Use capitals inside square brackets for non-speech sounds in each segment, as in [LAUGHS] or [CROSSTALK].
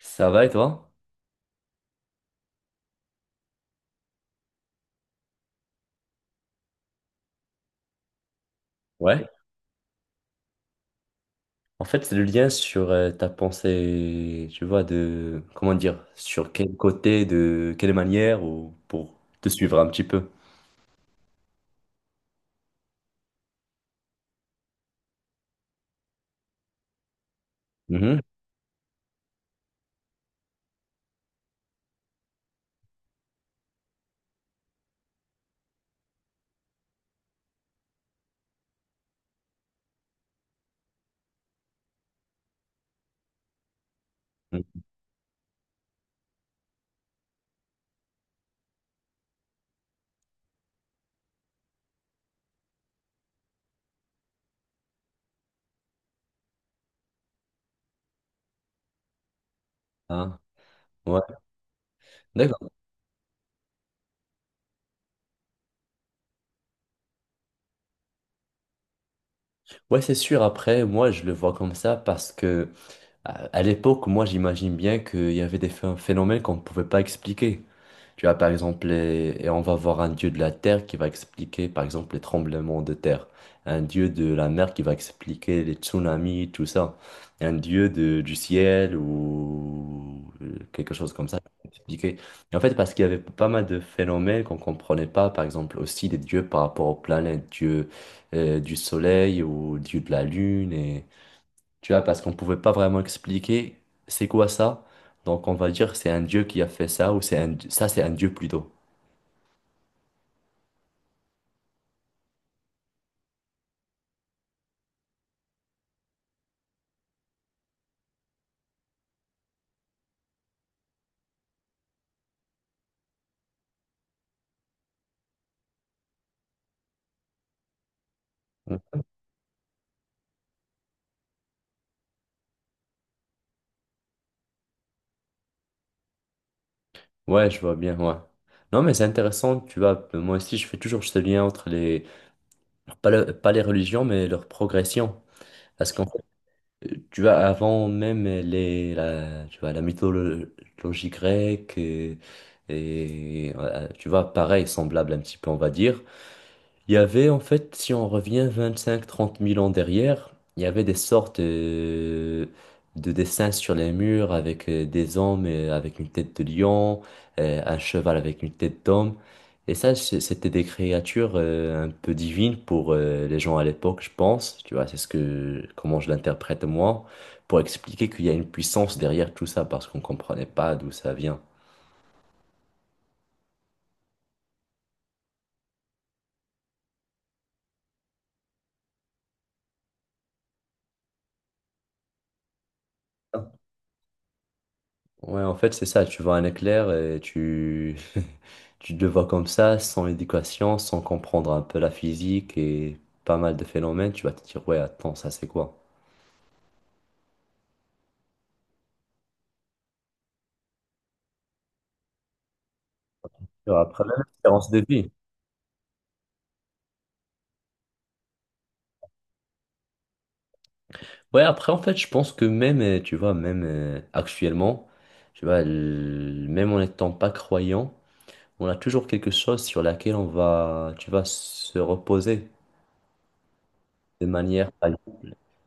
Ça va et toi? Ouais. En fait, c'est le lien sur ta pensée, tu vois, de, comment dire, sur quel côté, de quelle manière, ou pour te suivre un petit peu. Mhm. Ah, ouais. D'accord. Ouais, c'est sûr. Après, moi, je le vois comme ça parce que à l'époque, moi, j'imagine bien qu'il y avait des phénomènes qu'on ne pouvait pas expliquer. Tu vois, par exemple, et on va voir un dieu de la terre qui va expliquer, par exemple, les tremblements de terre. Un dieu de la mer qui va expliquer les tsunamis, tout ça. Un dieu du ciel ou quelque chose comme ça qui va expliquer. Et en fait, parce qu'il y avait pas mal de phénomènes qu'on ne comprenait pas, par exemple, aussi des dieux par rapport aux planètes, dieu du soleil ou dieu de la lune. Tu vois, parce qu'on pouvait pas vraiment expliquer c'est quoi ça. Donc on va dire c'est un dieu qui a fait ça ou c'est un ça c'est un dieu plutôt. Mm. Ouais, je vois bien, ouais. Non, mais c'est intéressant, tu vois. Moi aussi, je fais toujours ce lien entre les, pas, pas les religions, mais leur progression. Parce qu'en fait, tu vois, avant même tu vois, la mythologie grecque, et, tu vois, pareil, semblable un petit peu, on va dire. Il y avait en fait, si on revient 25 000 à 30 000 ans derrière, il y avait des sortes de, dessins sur les murs avec des hommes avec une tête de lion, un cheval avec une tête d'homme. Et ça, c'était des créatures un peu divines pour les gens à l'époque, je pense. Tu vois, c'est ce que, comment je l'interprète moi, pour expliquer qu'il y a une puissance derrière tout ça parce qu'on comprenait pas d'où ça vient. Ouais, en fait, c'est ça. Tu vois un éclair et tu... [LAUGHS] tu le vois comme ça, sans éducation, sans comprendre un peu la physique et pas mal de phénomènes. Tu vas te dire, ouais, attends, ça c'est quoi? Tu vois, après, même espérance de vie. Ouais, après, en fait, je pense que même, tu vois, même actuellement, tu vois, même en n'étant pas croyant, on a toujours quelque chose sur laquelle on va, tu vas se reposer de manière.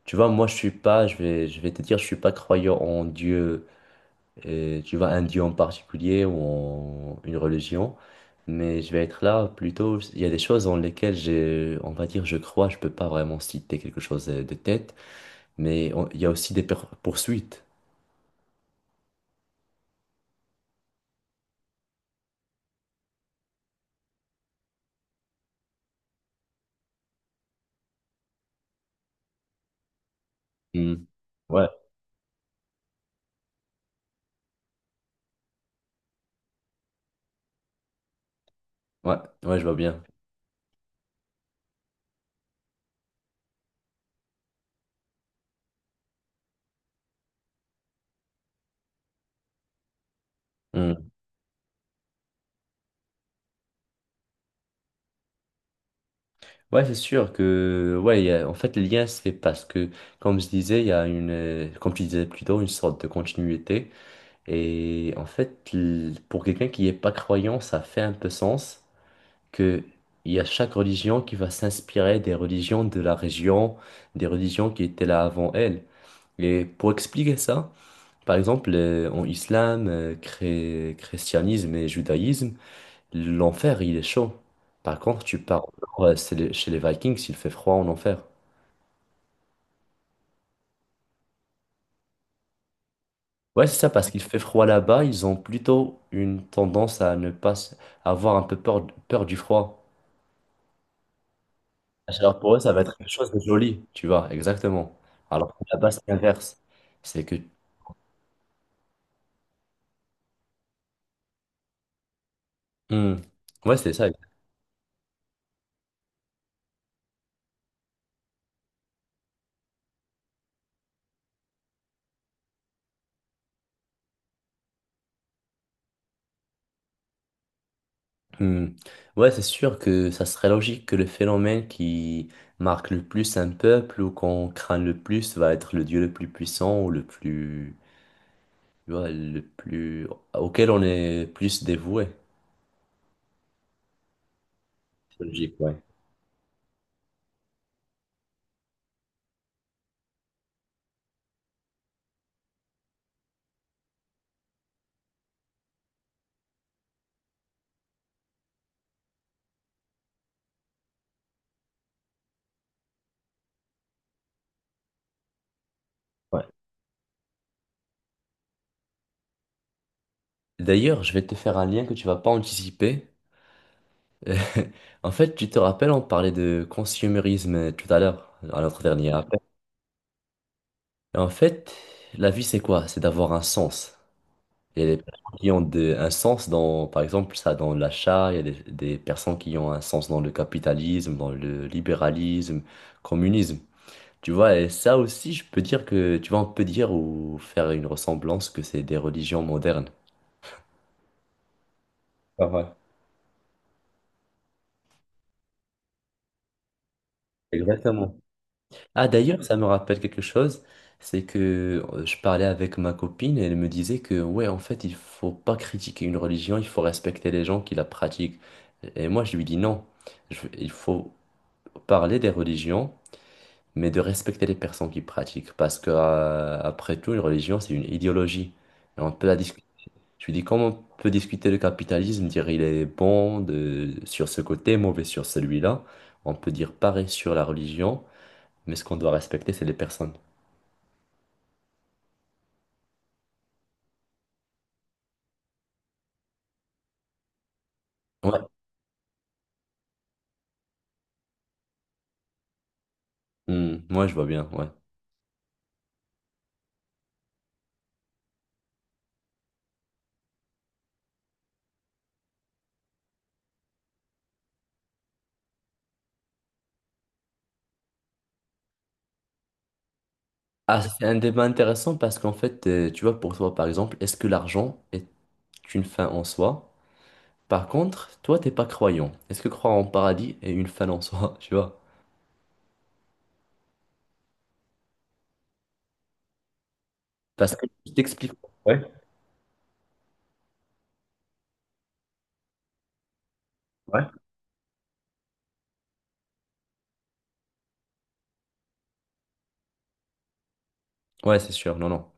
Tu vois, moi, je suis pas, je vais te dire, je suis pas croyant en Dieu tu vois, un dieu en particulier ou une religion, mais je vais être là plutôt, il y a des choses dans lesquelles j'ai, on va dire, je crois, je peux pas vraiment citer quelque chose de tête, mais il y a aussi des poursuites. Hmm. Ouais, ouais, ouais, je vois bien. Hmm. Ouais, c'est sûr que, ouais, en fait, le lien se fait parce que, comme je disais, il y a une, comme tu disais plutôt, une sorte de continuité. Et en fait, pour quelqu'un qui n'est pas croyant, ça fait un peu sens. Qu'il y a chaque religion qui va s'inspirer des religions de la région, des religions qui étaient là avant elle. Et pour expliquer ça, par exemple, en islam, christianisme et judaïsme, l'enfer, il est chaud. Par contre, tu pars au nord, c'est chez les Vikings, il fait froid en enfer. Ouais, c'est ça, parce qu'il fait froid là-bas, ils ont plutôt une tendance à ne pas à avoir un peu peur, peur du froid. Alors pour eux, ça va être quelque chose de joli, tu vois, exactement. Alors que là-bas, c'est l'inverse. C'est que... Hmm. Ouais, c'est ça. Hmm. Ouais, c'est sûr que ça serait logique que le phénomène qui marque le plus un peuple ou qu'on craint le plus va être le dieu le plus puissant ou le plus... tu vois, le plus... auquel on est plus dévoué. C'est logique, ouais. Ouais. D'ailleurs, je vais te faire un lien que tu vas pas anticiper. [LAUGHS] En fait, tu te rappelles, on parlait de consumérisme tout à l'heure, à notre dernier appel. Et en fait, la vie, c'est quoi? C'est d'avoir un sens. Il y a des personnes qui ont un sens dans, par exemple, ça dans l'achat, il y a des personnes qui ont un sens dans le capitalisme, dans le libéralisme, communisme. Tu vois, et ça aussi, je peux dire que, tu vois, on peut dire ou faire une ressemblance que c'est des religions modernes. Ah ouais. Exactement. Ah d'ailleurs, ça me rappelle quelque chose, c'est que je parlais avec ma copine et elle me disait que ouais, en fait, il faut pas critiquer une religion, il faut respecter les gens qui la pratiquent. Et moi, je lui dis non, il faut parler des religions, mais de respecter les personnes qui pratiquent, parce que après tout, une religion, c'est une idéologie. Et on peut la discuter. Je lui dis comment on peut discuter le capitalisme, dire il est bon sur ce côté, mauvais sur celui-là. On peut dire pareil sur la religion. Mais ce qu'on doit respecter, c'est les personnes. Ouais. Hmm, ouais, je vois bien, ouais. Ah, c'est un débat intéressant parce qu'en fait, tu vois, pour toi, par exemple, est-ce que l'argent est une fin en soi? Par contre, toi, t'es pas croyant. Est-ce que croire en paradis est une fin en soi, [LAUGHS] tu vois? Parce que je t'explique. Ouais, c'est sûr, non, non.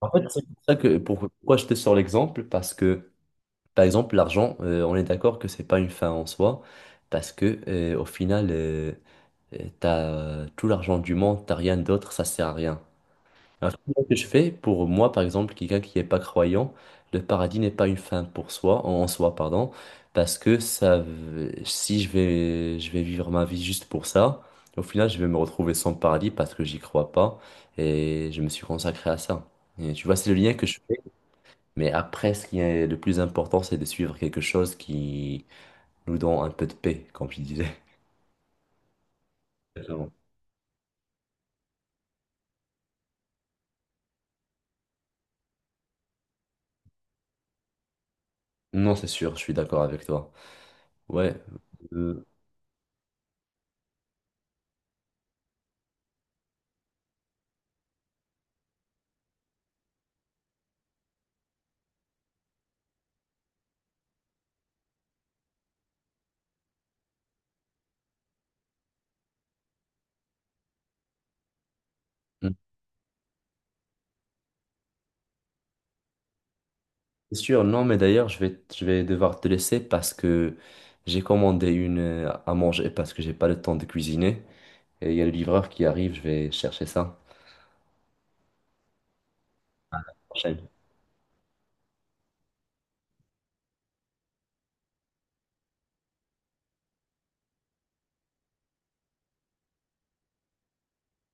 En fait, c'est pour ça que, pourquoi je te sors l'exemple, parce que, par exemple, l'argent, on est d'accord que c'est pas une fin en soi, parce que, au final, t'as tout l'argent du monde, t'as rien d'autre, ça sert à rien. Alors, comment que je fais pour moi, par exemple, quelqu'un qui n'est pas croyant, le paradis n'est pas une fin pour soi, en en soi, pardon, parce que ça, si je vais, je vais vivre ma vie juste pour ça, au final, je vais me retrouver sans paradis parce que j'y crois pas et je me suis consacré à ça. Et tu vois, c'est le lien que je fais. Mais après, ce qui est le plus important, c'est de suivre quelque chose qui nous donne un peu de paix, comme tu disais. Exactement. Non, c'est sûr, je suis d'accord avec toi. Ouais. Euh, hmm. C'est sûr, non, mais d'ailleurs, je vais devoir te laisser parce que j'ai commandé une à manger parce que j'ai pas le temps de cuisiner. Et il y a le livreur qui arrive, je vais chercher ça.